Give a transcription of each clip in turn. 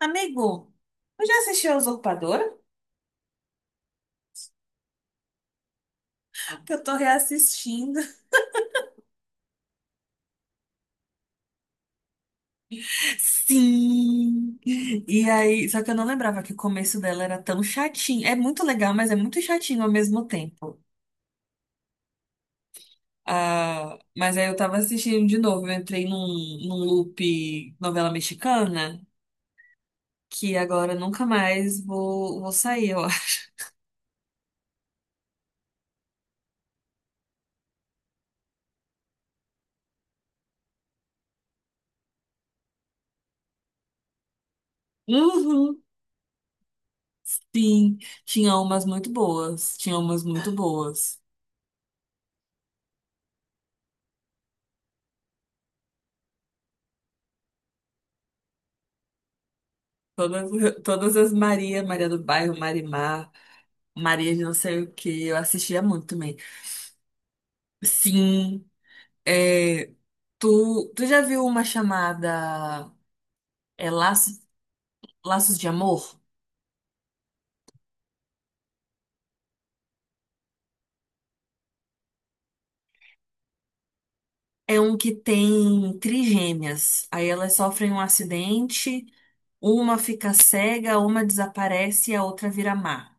Amigo, eu já assisti a Usurpadora? Que eu tô reassistindo. Sim! E aí, só que eu não lembrava que o começo dela era tão chatinho. É muito legal, mas é muito chatinho ao mesmo tempo. Ah, mas aí eu tava assistindo de novo, eu entrei num loop novela mexicana, que agora nunca mais vou sair, eu Uhum, sim, tinha umas muito boas, tinha umas muito boas. Todas, todas as Maria, Maria do Bairro, Marimar. Maria de não sei o que, eu assistia muito também. Sim, é, tu já viu uma chamada é, Laços, Laços de Amor? É um que tem trigêmeas. Aí elas sofrem um acidente, uma fica cega, uma desaparece e a outra vira má.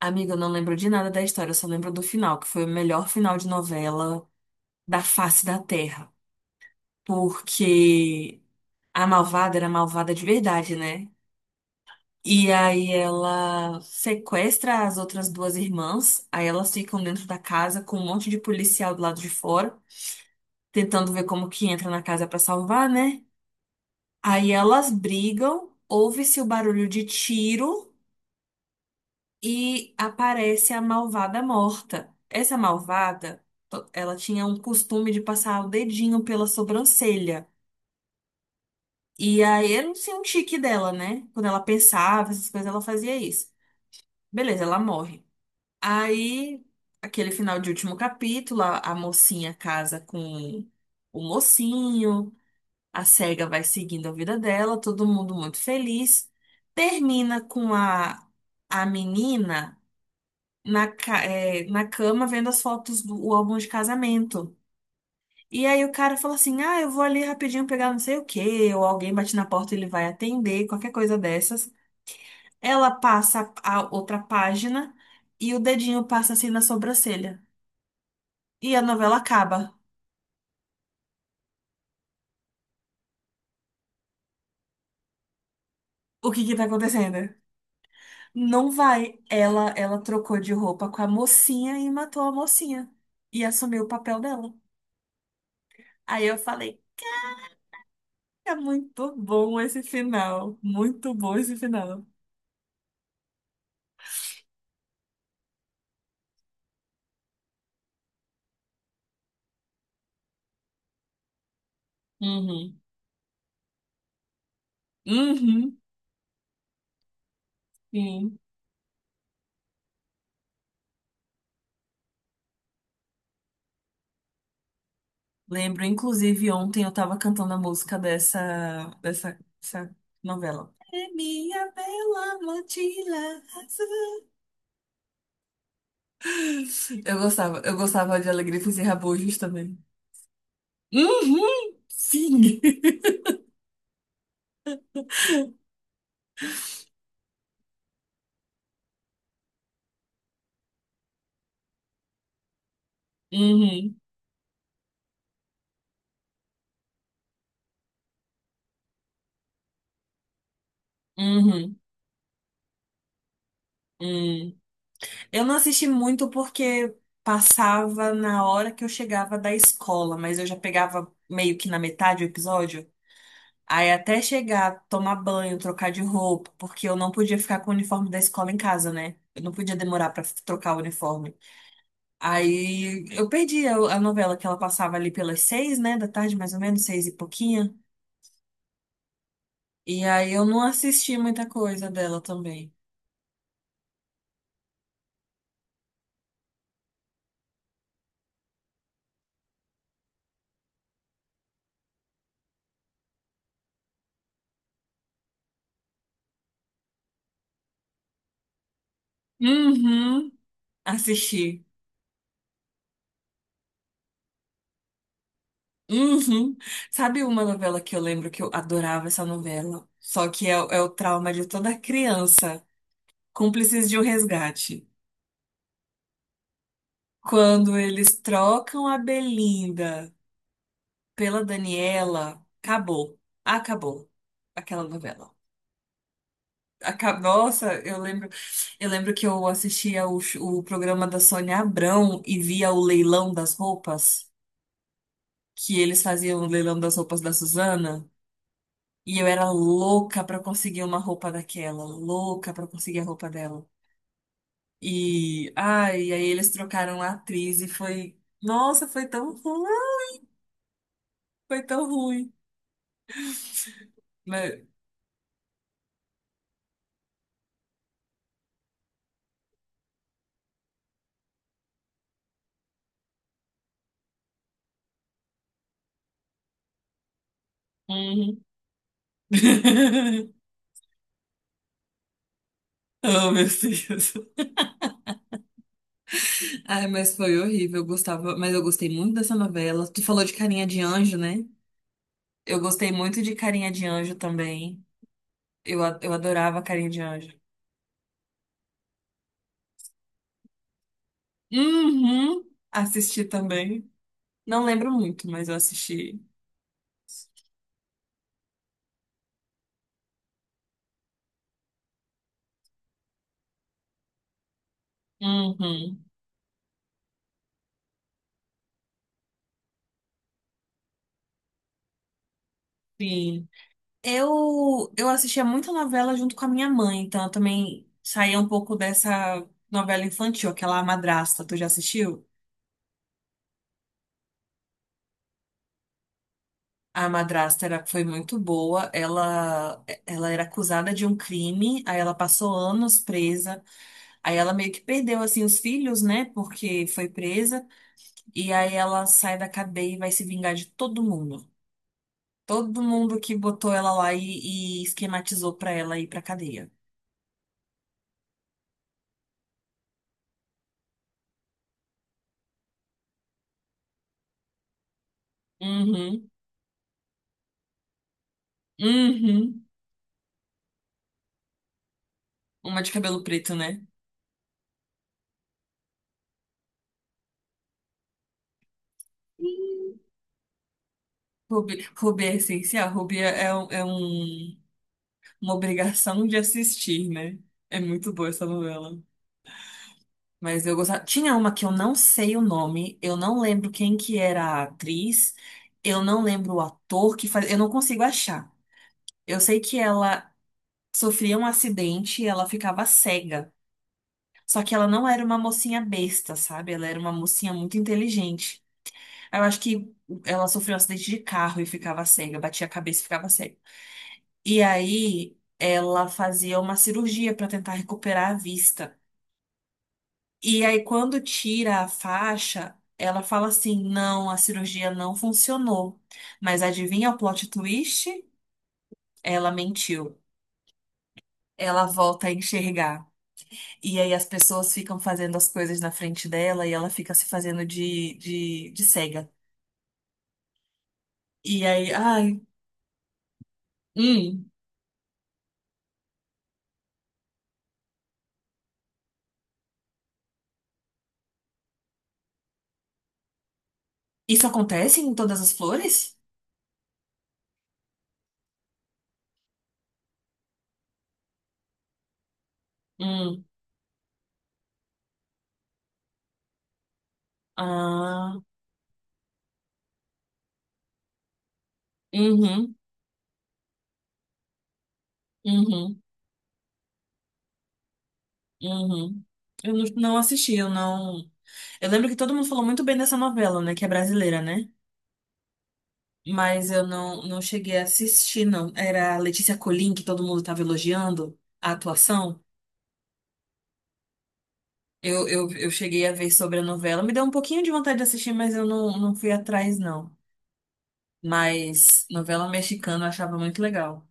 Amiga, eu não lembro de nada da história, eu só lembro do final, que foi o melhor final de novela da face da Terra. Porque a malvada era malvada de verdade, né? E aí ela sequestra as outras duas irmãs, aí elas ficam dentro da casa com um monte de policial do lado de fora, tentando ver como que entra na casa pra salvar, né? Aí elas brigam, ouve-se o barulho de tiro e aparece a malvada morta. Essa malvada, ela tinha um costume de passar o dedinho pela sobrancelha. E aí era um tique dela, né? Quando ela pensava, essas coisas, ela fazia isso. Beleza, ela morre. Aí, aquele final de último capítulo, a mocinha casa com o mocinho, a cega vai seguindo a vida dela, todo mundo muito feliz. Termina com a menina na cama vendo as fotos do o álbum de casamento. E aí o cara fala assim: "Ah, eu vou ali rapidinho pegar não sei o quê", ou alguém bate na porta e ele vai atender, qualquer coisa dessas. Ela passa a outra página e o dedinho passa assim na sobrancelha. E a novela acaba. O que que tá acontecendo? Não vai. Ela trocou de roupa com a mocinha e matou a mocinha. E assumiu o papel dela. Aí eu falei, é muito bom esse final. Muito bom esse final. Uhum. Uhum. Sim. Lembro, inclusive, ontem eu tava cantando a música dessa novela. É minha bela mochila azul. Eu gostava de Alegria e Rabujos também. Uhum, sim. Uhum, uhum, uhum. Eu não assisti muito porque passava na hora que eu chegava da escola, mas eu já pegava meio que na metade do episódio. Aí até chegar, tomar banho, trocar de roupa, porque eu não podia ficar com o uniforme da escola em casa, né? Eu não podia demorar pra trocar o uniforme. Aí eu perdi a novela que ela passava ali pelas 6, né, da tarde, mais ou menos, 6 e pouquinho. E aí eu não assisti muita coisa dela também. Uhum. Assisti. Uhum. Sabe uma novela que eu lembro que eu adorava essa novela? Só que é o trauma de toda criança. Cúmplices de um Resgate. Quando eles trocam a Belinda pela Daniela, acabou. Acabou aquela novela. Nossa, eu lembro que eu assistia o programa da Sônia Abrão e via o leilão das roupas, que eles faziam o leilão das roupas da Suzana. E eu era louca pra conseguir uma roupa daquela, louca pra conseguir a roupa dela. E aí eles trocaram a atriz e foi, nossa, foi tão ruim, foi tão ruim. Mas, uhum. Oh, meu Deus. Ai, mas foi horrível, eu gostava, mas eu gostei muito dessa novela. Tu falou de Carinha de Anjo, né? Eu gostei muito de Carinha de Anjo também. Eu adorava Carinha de Anjo. Uhum, assisti também. Não lembro muito, mas eu assisti. Uhum, sim. Eu assistia muita novela junto com a minha mãe, então eu também saía um pouco dessa novela infantil, aquela A Madrasta, tu já assistiu? A Madrasta era, foi muito boa, ela era acusada de um crime, aí ela passou anos presa, aí ela meio que perdeu, assim, os filhos, né, porque foi presa, e aí ela sai da cadeia e vai se vingar de todo mundo. Todo mundo que botou ela lá e esquematizou pra ela ir pra cadeia. Uhum. Uhum. Uma de cabelo preto, né? Sim. Ruby, Ruby é essencial. Ruby é uma obrigação de assistir, né? É muito boa essa novela. Mas eu gostava. Tinha uma que eu não sei o nome, eu não lembro quem que era a atriz, eu não lembro o ator que faz. Eu não consigo achar. Eu sei que ela sofria um acidente e ela ficava cega. Só que ela não era uma mocinha besta, sabe? Ela era uma mocinha muito inteligente. Eu acho que ela sofreu um acidente de carro e ficava cega, batia a cabeça e ficava cega. E aí ela fazia uma cirurgia pra tentar recuperar a vista. E aí quando tira a faixa, ela fala assim: "Não, a cirurgia não funcionou". Mas adivinha o plot twist? Ela mentiu. Ela volta a enxergar. E aí as pessoas ficam fazendo as coisas na frente dela e ela fica se fazendo de cega. E aí, ai, hum, isso acontece em todas as flores? Hum, ah, uhum, uhum, uhum. Eu não assisti, eu não. Eu lembro que todo mundo falou muito bem dessa novela, né? Que é brasileira, né? Mas eu não cheguei a assistir, não. Era a Letícia Colin, que todo mundo tava elogiando a atuação. Eu cheguei a ver sobre a novela. Me deu um pouquinho de vontade de assistir, mas eu não fui atrás, não. Mas novela mexicana eu achava muito legal.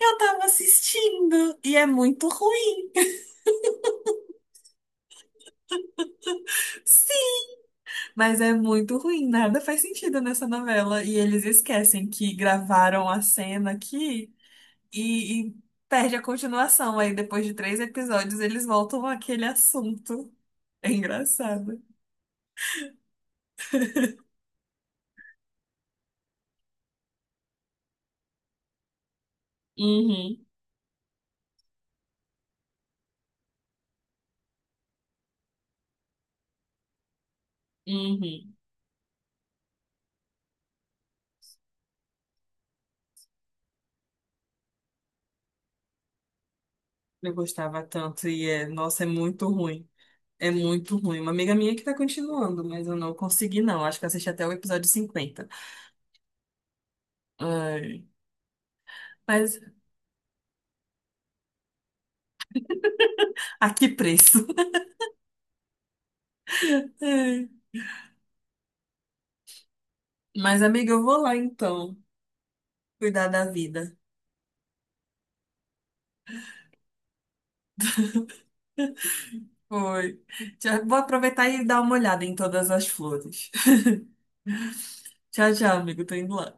Eu tava assistindo e é muito ruim. Sim! Mas é muito ruim, nada faz sentido nessa novela. E eles esquecem que gravaram a cena aqui e perde a continuação. Aí depois de 3 episódios eles voltam àquele assunto. É engraçado. Uhum, uhum. Eu gostava tanto e é, nossa, é muito ruim. É muito ruim. Uma amiga minha que tá continuando, mas eu não consegui, não. Acho que eu assisti até o episódio 50. Ai, mas a que preço? Ai. Mas, amiga, eu vou lá então, cuidar da vida. Foi. Já vou aproveitar e dar uma olhada em todas as flores. Tchau, tchau, amigo. Tô indo lá.